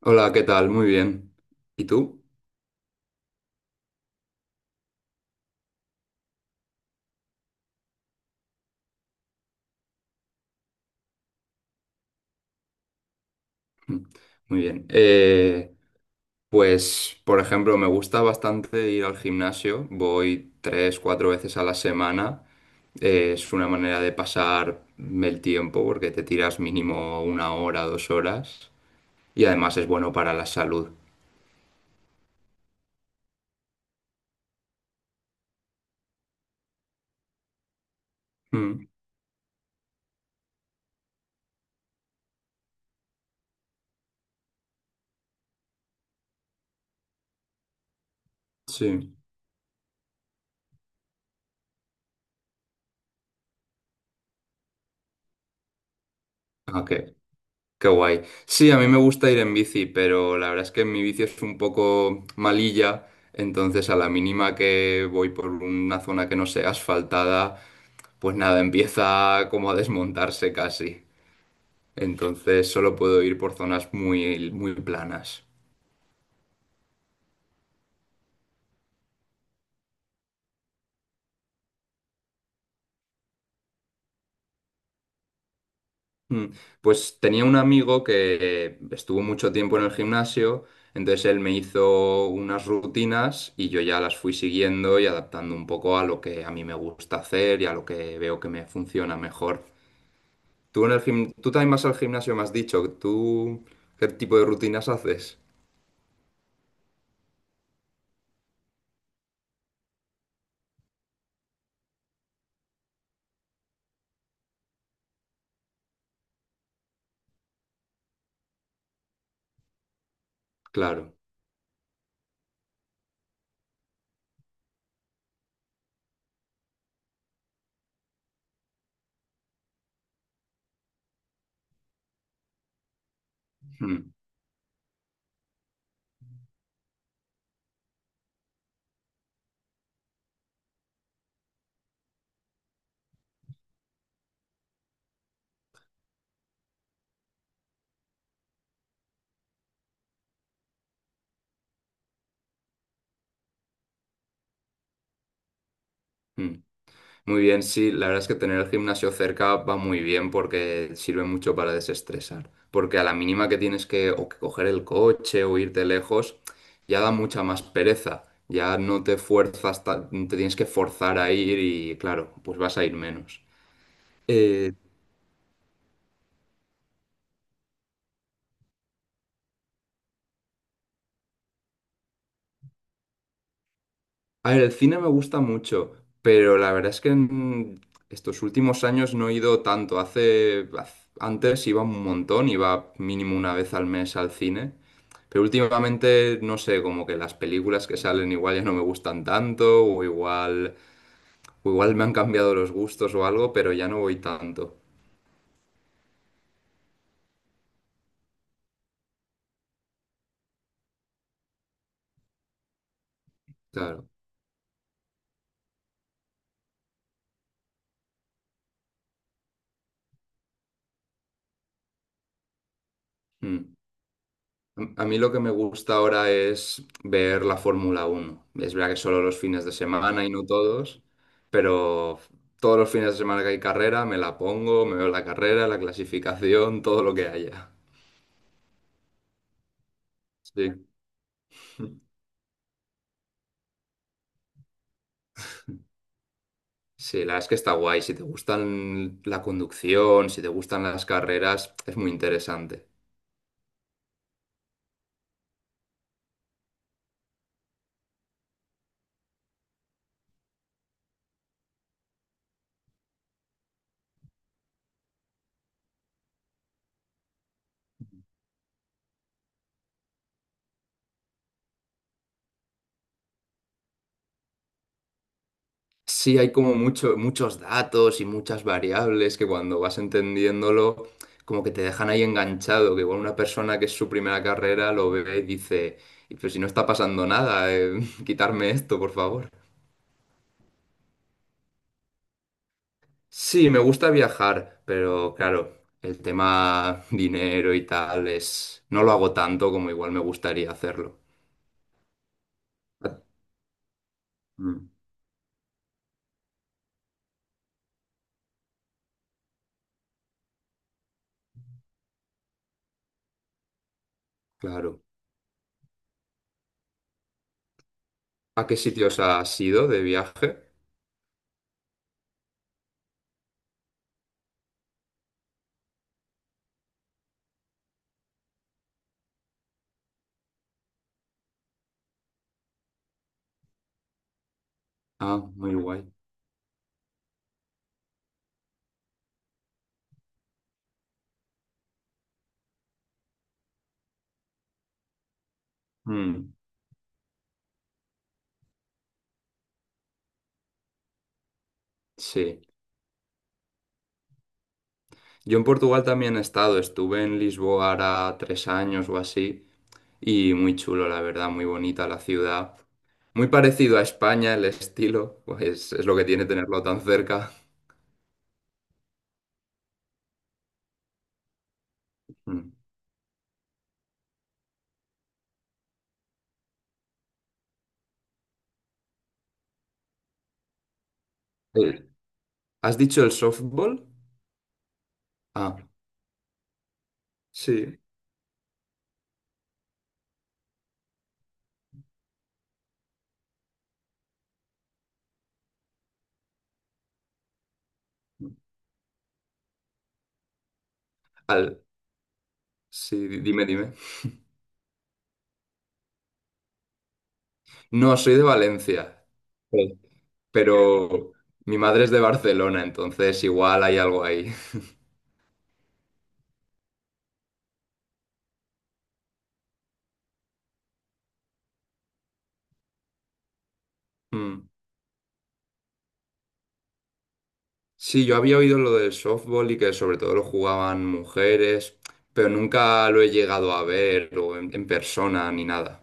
Hola, ¿qué tal? Muy bien. ¿Y tú? Mm. Muy bien. Pues, por ejemplo, me gusta bastante ir al gimnasio. Voy tres, cuatro veces a la semana. Es una manera de pasar el tiempo porque te tiras mínimo 1 hora, 2 horas. Y además es bueno para la salud. Mm, sí. Ok. Qué guay. Sí, a mí me gusta ir en bici, pero la verdad es que mi bici es un poco malilla, entonces a la mínima que voy por una zona que no sea asfaltada, pues nada, empieza como a desmontarse casi. Entonces solo puedo ir por zonas muy, muy planas. Mm, Pues tenía un amigo que estuvo mucho tiempo en el gimnasio, entonces él me hizo unas rutinas y yo ya las fui siguiendo y adaptando un poco a lo que a mí me gusta hacer y a lo que veo que me funciona mejor. Tú en el tú también vas al gimnasio, me has dicho, ¿tú qué tipo de rutinas haces? Claro. Mm, mm. Muy bien, sí, la verdad es que tener el gimnasio cerca va muy bien porque sirve mucho para desestresar. Porque a la mínima que tienes que o que coger el coche o irte lejos, ya da mucha más pereza. Ya no te fuerzas, te tienes que forzar a ir y claro, pues vas a ir menos. Eh, A ver, el cine me gusta mucho, pero la verdad es que en estos últimos años no he ido tanto. Antes iba un montón, iba mínimo una vez al mes al cine, pero últimamente no sé, como que las películas que salen igual ya no me gustan tanto, o igual me han cambiado los gustos o algo, pero ya no voy tanto. Claro. Mm. A mí lo que me gusta ahora es ver la Fórmula Uno. Es verdad que solo los fines de semana y no todos, pero todos los fines de semana que hay carrera me la pongo, me veo la carrera, la clasificación, todo lo que haya. Sí. Sí, la verdad es que está guay. Si te gustan la conducción, si te gustan las carreras, es muy interesante. Sí, hay como muchos datos y muchas variables que cuando vas entendiéndolo, como que te dejan ahí enganchado, que igual una persona que es su primera carrera lo ve y dice: "Y pero si no está pasando nada, quitarme esto, por favor". Sí, me gusta viajar, pero claro, el tema dinero y tal es… No lo hago tanto como igual me gustaría hacerlo. Ah, mm, claro. ¿A qué sitios has ido de viaje? Ah, muy guay. Mm, sí. Yo en Portugal también he estado, estuve en Lisboa ahora 3 años o así, y muy chulo, la verdad, muy bonita la ciudad. Muy parecido a España el estilo, pues es lo que tiene tenerlo tan cerca. Mm. Eh, ¿Has dicho el softball? Ah, sí. Al, sí, dime, dime. No, soy de Valencia. Sí, pero mi madre es de Barcelona, entonces igual hay algo ahí. Mm. Sí, yo había oído lo del softball y que sobre todo lo jugaban mujeres, pero nunca lo he llegado a ver o en persona ni nada.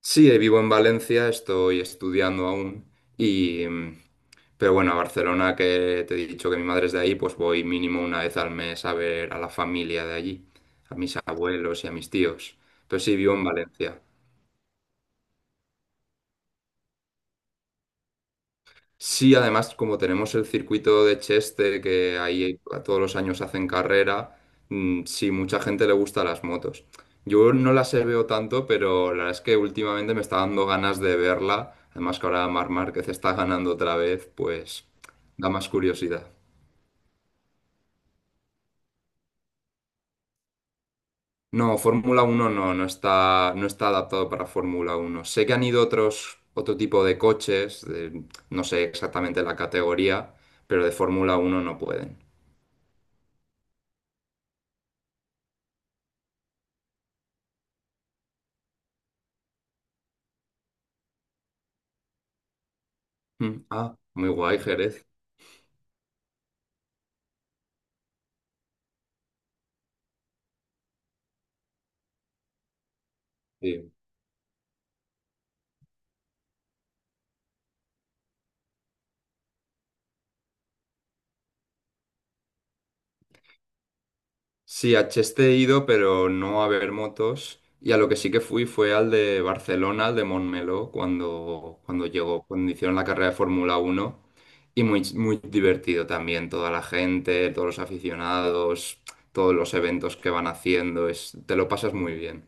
Sí, vivo en Valencia, estoy estudiando aún y… pero bueno, a Barcelona, que te he dicho que mi madre es de ahí, pues voy mínimo una vez al mes a ver a la familia de allí, a mis abuelos y a mis tíos. Pero sí, vivo en Valencia. Sí, además, como tenemos el circuito de Cheste, que ahí todos los años hacen carrera, sí, mucha gente le gusta las motos. Yo no las he veo tanto, pero la verdad es que últimamente me está dando ganas de verla. Además que ahora Marc Márquez está ganando otra vez, pues da más curiosidad. No, Fórmula Uno no, no está, adaptado para Fórmula Uno. Sé que han ido otros, otro tipo de coches, no sé exactamente la categoría, pero de Fórmula Uno no pueden. Mm. Ah, muy guay, Jerez. Sí. Sí, a Cheste he ido, pero no a ver motos. Y a lo que sí que fui fue al de Barcelona, al de Montmeló, cuando hicieron la carrera de Fórmula Uno. Y muy, muy divertido también, toda la gente, todos los aficionados, todos los eventos que van haciendo. Es, te lo pasas muy bien.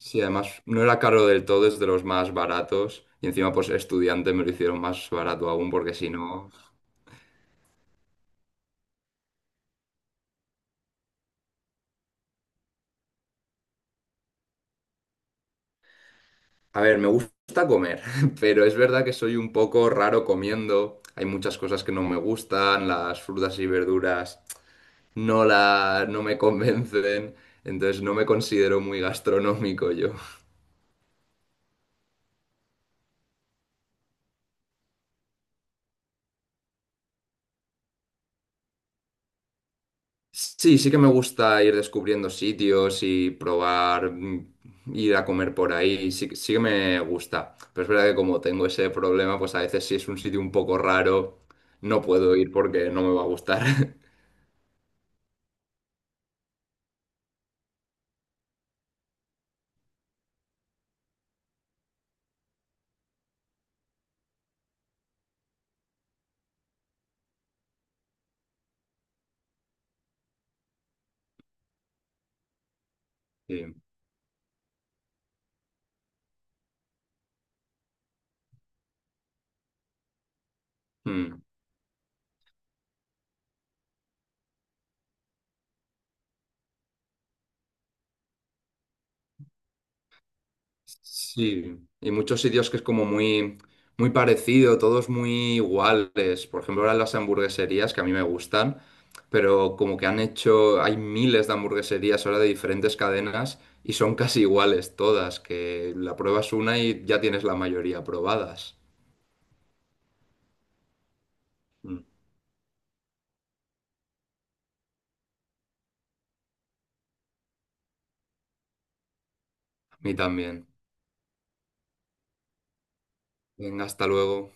Sí, además no era caro del todo, es de los más baratos. Y encima, pues estudiante me lo hicieron más barato aún, porque si no. A ver, me gusta comer, pero es verdad que soy un poco raro comiendo. Hay muchas cosas que no me gustan, las frutas y verduras no me convencen, entonces no me considero muy gastronómico yo. Sí, sí que me gusta ir descubriendo sitios y probar, ir a comer por ahí, sí, sí que me gusta. Pero es verdad que como tengo ese problema, pues a veces si es un sitio un poco raro, no puedo ir porque no me va a gustar. Sí. Mm. Sí, y muchos sitios que es como muy, muy parecido, todos muy iguales. Por ejemplo, ahora las hamburgueserías que a mí me gustan, pero como que han hecho, hay miles de hamburgueserías ahora de diferentes cadenas y son casi iguales todas, que la pruebas una y ya tienes la mayoría probadas. Mm. A mí también. Venga, hasta luego.